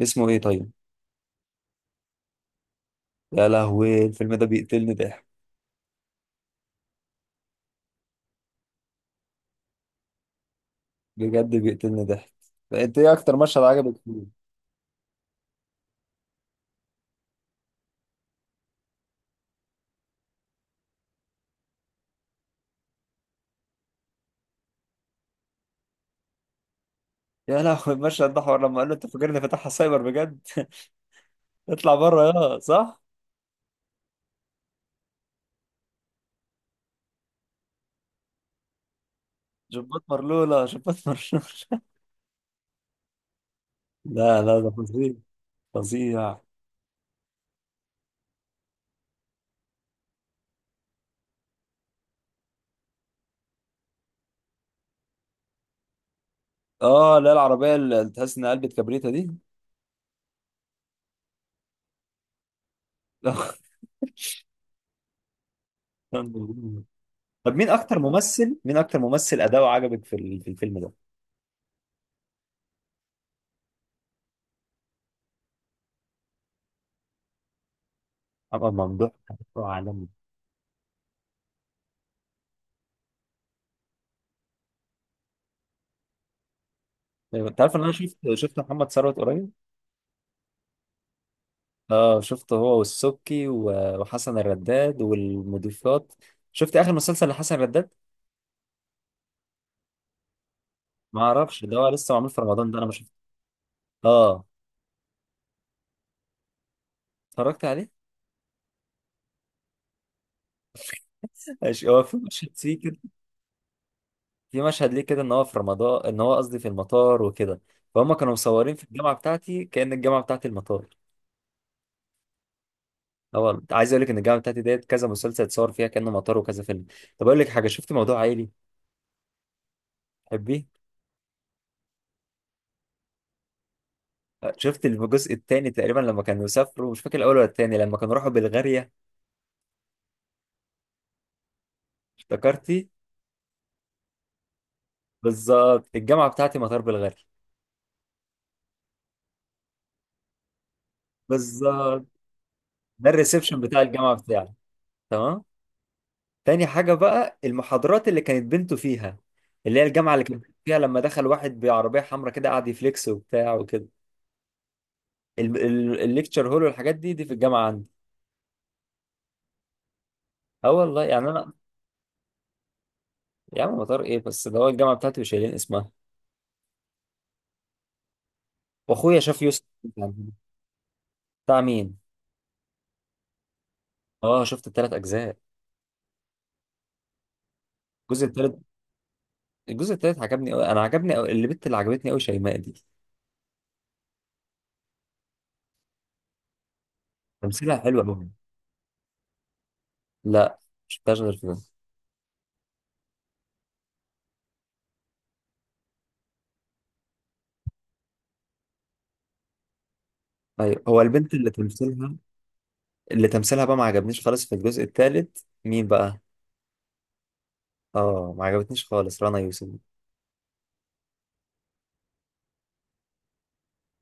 اسمه ايه طيب؟ يا لهوي الفيلم ده بيقتلني ضحك. بجد بيقتلني ضحك. انت ايه اكتر مشهد عجبك فيه؟ يا لهوي المشهد ده حوار لما قال له انت فاكرني فاتحها سايبر بجد، اطلع بره يا صح. جبات مرلولة، جبات مرلولة. لا، لا، ده فظيع. فظيع. اه لا، العربية اللي تحس انها قلبت كبريتة دي. طب مين اكتر ممثل، اداؤه عجبك في في الفيلم ده؟ محمد ممدوح أداؤه عالمي. طيب، انت عارف ان انا شفت محمد ثروت قريب. اه شفته هو والسبكي وحسن الرداد والمضيفات. شفت اخر مسلسل لحسن الرداد؟ ما اعرفش، ده هو لسه معمول في رمضان ده انا ما شفته. اه، اتفرجت عليه. ماشي، هو في مشهد فيه كده، في مشهد ليه كده ان هو في رمضان، ان هو قصدي في المطار وكده. فهم كانوا مصورين في الجامعه بتاعتي كأن الجامعه بتاعتي المطار. هو عايز اقول لك ان الجامعه بتاعتي ديت كذا مسلسل اتصور فيها كأنه مطار وكذا فيلم. طب اقول لك حاجه، شفت موضوع عائلي؟ تحبيه؟ شفت الجزء الثاني تقريبا لما كانوا سافروا، مش فاكر الاول ولا الثاني، لما كانوا راحوا بلغاريا. افتكرتي؟ بالظبط، الجامعه بتاعتي مطار بالغالي. بالظبط. ده الريسبشن بتاع الجامعه بتاعي. تمام. تاني حاجه بقى المحاضرات اللي كانت بنته فيها، اللي هي الجامعه اللي كانت فيها لما دخل واحد بعربيه حمراء كده قعد يفليكس وبتاع وكده. الليكتشر هول والحاجات دي، دي في الجامعه عندي. اه والله، يعني انا. يا عم مطار ايه بس، ده هو الجامعه بتاعتي وشايلين اسمها. واخويا شاف يوسف. بتاع مين؟ اه شفت الثلاث اجزاء. الجزء الثالث، الجزء الثالث عجبني قوي، انا عجبني قوي اللي بنت، اللي عجبتني قوي شيماء دي. تمثيلها حلو قوي. لا، مش غير في ده. ايوه هو البنت اللي تمثيلها، اللي تمثيلها بقى ما عجبنيش خالص في الجزء الثالث، مين بقى؟ اه ما عجبتنيش خالص رنا يوسف.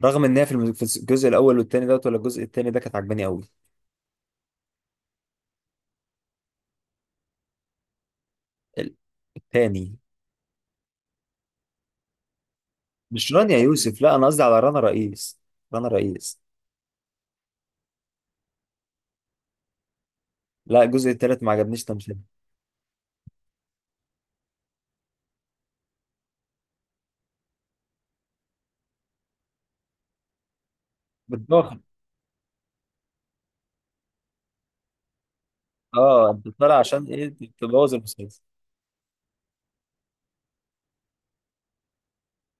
رغم ان هي في في الجزء الاول والثاني دوت، ولا الجزء الثاني ده كانت عجباني قوي. الثاني. مش رانيا يوسف، لا انا قصدي على رنا رئيس. رنا رئيس. لا الجزء الثالث ما عجبنيش تمثيلها. بتضخم. اه انت طالع عشان ايه. تبوظ المسلسل.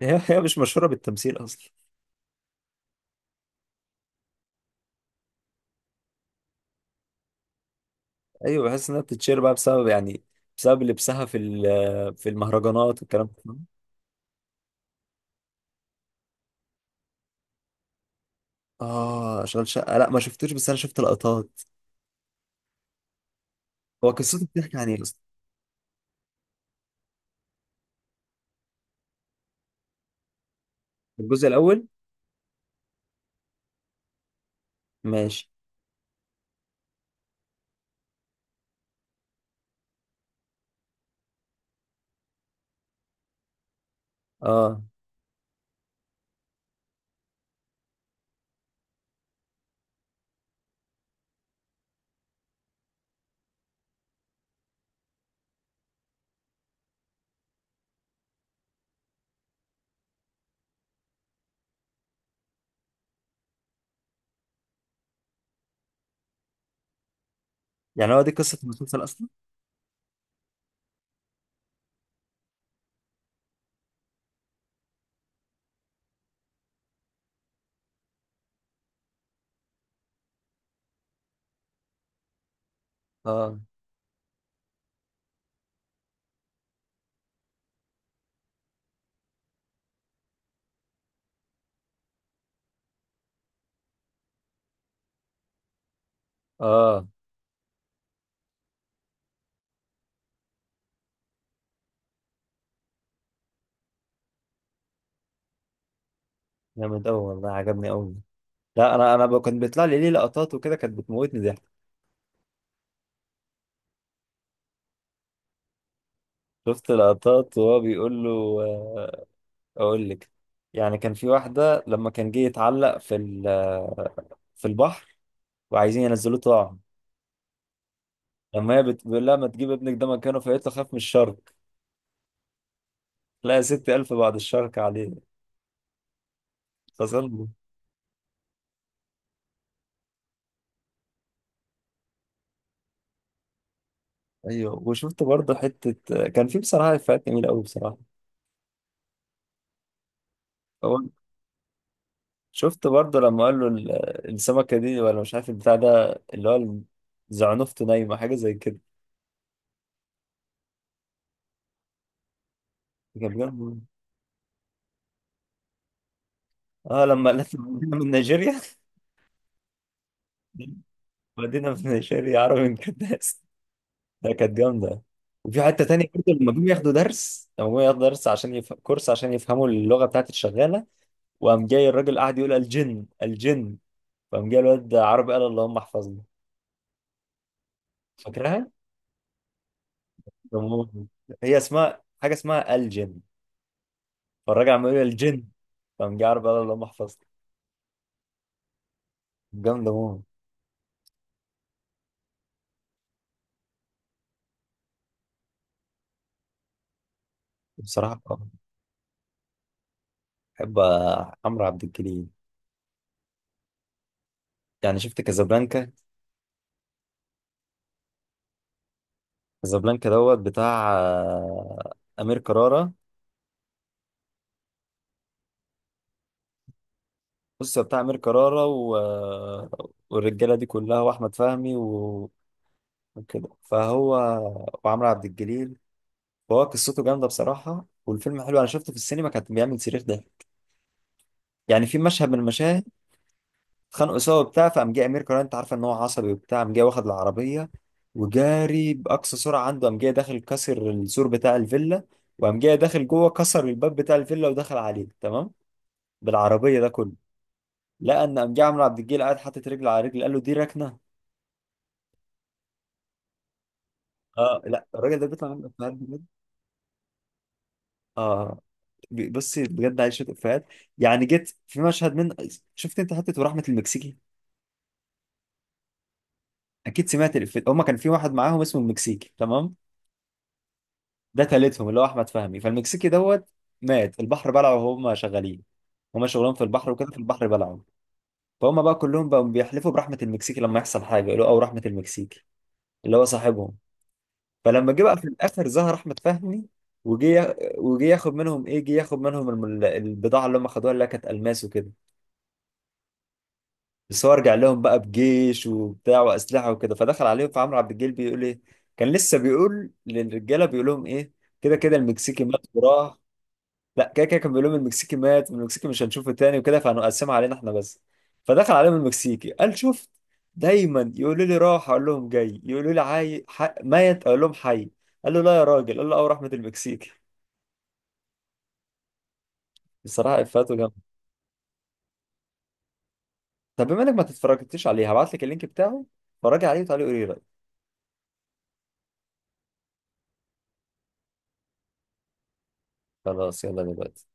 هي مش مشهوره بالتمثيل اصلا. ايوه بحس انها بتتشير بقى بسبب، يعني بسبب لبسها في في المهرجانات الكلام ده. اه اشغال شقه، لا ما شفتوش، بس انا شفت لقطات. هو قصته بتحكي عن ايه اصلا؟ الجزء الاول. ماشي. اه. يعني هو دي قصه المسلسل اصلا؟ اه. اه جامد قوي والله، عجبني قوي. لا انا، كان بيطلع لي ليه لقطات وكده، كانت بتموتني ضحك. شفت لقطات وهو بيقول له، آه، اقول لك، يعني كان في واحده لما كان جه يتعلق في في البحر وعايزين ينزلوه طاعه. لما هي بتقول لها ما تجيب ابنك ده مكانه، فقالت له خاف من الشرك. لا يا ستي ألف بعد الشرك عليه. فظل. أيوه وشفت برضه حتة، كان في بصراحة إفيهات جميلة أوي بصراحة. هو شفت برضه لما قال له السمكة دي ولا مش عارف البتاع ده، اللي هو زعنفته نايمة حاجة زي كده، كان بيقول. اه لما قالت له مدينة من نيجيريا. مدينة من نيجيريا، عربي من كداس. ده كانت جامدة. وفي حتة تانية برضه لما جم ياخدوا درس، لما جم ياخدوا درس عشان كورس عشان يفهموا اللغة بتاعت الشغالة. وقام جاي الراجل قاعد يقول الجن الجن، فقام جاي الواد عربي قال اللهم احفظنا. فاكرها؟ بموت. هي اسمها حاجه اسمها الجن، فالراجل عمال يقول الجن، فقام جاي عربي قال اللهم احفظنا. جامده موت. بصراحه. بحب عمرو عبد الجليل. يعني شفت كازابلانكا؟ كازابلانكا دوت بتاع امير كرارة. بص هو بتاع امير كرارة والرجاله دي كلها واحمد فهمي وكده فهو، وعمرو عبد الجليل. فهو قصته جامده بصراحه، والفيلم حلو، انا شفته في السينما كان بيعمل صريخ ده. يعني في مشهد من المشاهد اتخانقوا سوا وبتاع، فقام جه امير كرارة، انت عارفه ان هو عصبي وبتاع، قام جه واخد العربيه وجاري باقصى سرعه عنده، قام جه داخل كسر السور بتاع الفيلا، وقام جه داخل جوه كسر الباب بتاع الفيلا ودخل عليه تمام بالعربيه ده كله. لقى ان قام جه عمرو عبد الجليل قاعد حاطط رجل على رجل قال له دي ركنه. اه لا الراجل ده بيطلع منه افيهات بجد. اه بصي بجد عايش شويه افيهات. يعني جيت في مشهد من، شفت انت حته ورحمه المكسيكي؟ اكيد سمعت الافيه، هما كان في واحد معاهم اسمه المكسيكي تمام، ده تالتهم اللي هو احمد فهمي، فالمكسيكي دوت مات، البحر بلعه وهم شغالين. هما شغلهم في البحر وكده، في البحر بلعه. فهم بقى كلهم بقوا بيحلفوا برحمة المكسيكي لما يحصل حاجة يقولوا او رحمة المكسيكي، اللي هو صاحبهم. فلما جه بقى في الاخر ظهر احمد فهمي، وجه ياخد منهم ايه، جه ياخد منهم البضاعة اللي هم خدوها اللي هي كانت الماس وكده. بس هو رجع لهم بقى بجيش وبتاع واسلحه وكده، فدخل عليهم، فعمرو عبد الجليل بيقول ايه، كان لسه بيقول للرجاله، بيقول لهم ايه، كده كده المكسيكي مات وراح. لا كده كده كان بيقول لهم المكسيكي مات، المكسيكي مش هنشوفه تاني وكده فهنقسمها علينا احنا بس. فدخل عليهم المكسيكي قال شفت، دايما يقولوا لي راح اقول لهم جاي، يقولوا لي ميت اقول لهم حي. قال له لا يا راجل، قال له اه رحمه المكسيكي. بصراحه افاته جامده. طب بما انك ما تتفرجتش عليه هبعت لك اللينك بتاعه، اتفرج عليه وتعالى قولي رايك. خلاص يلا دلوقتي.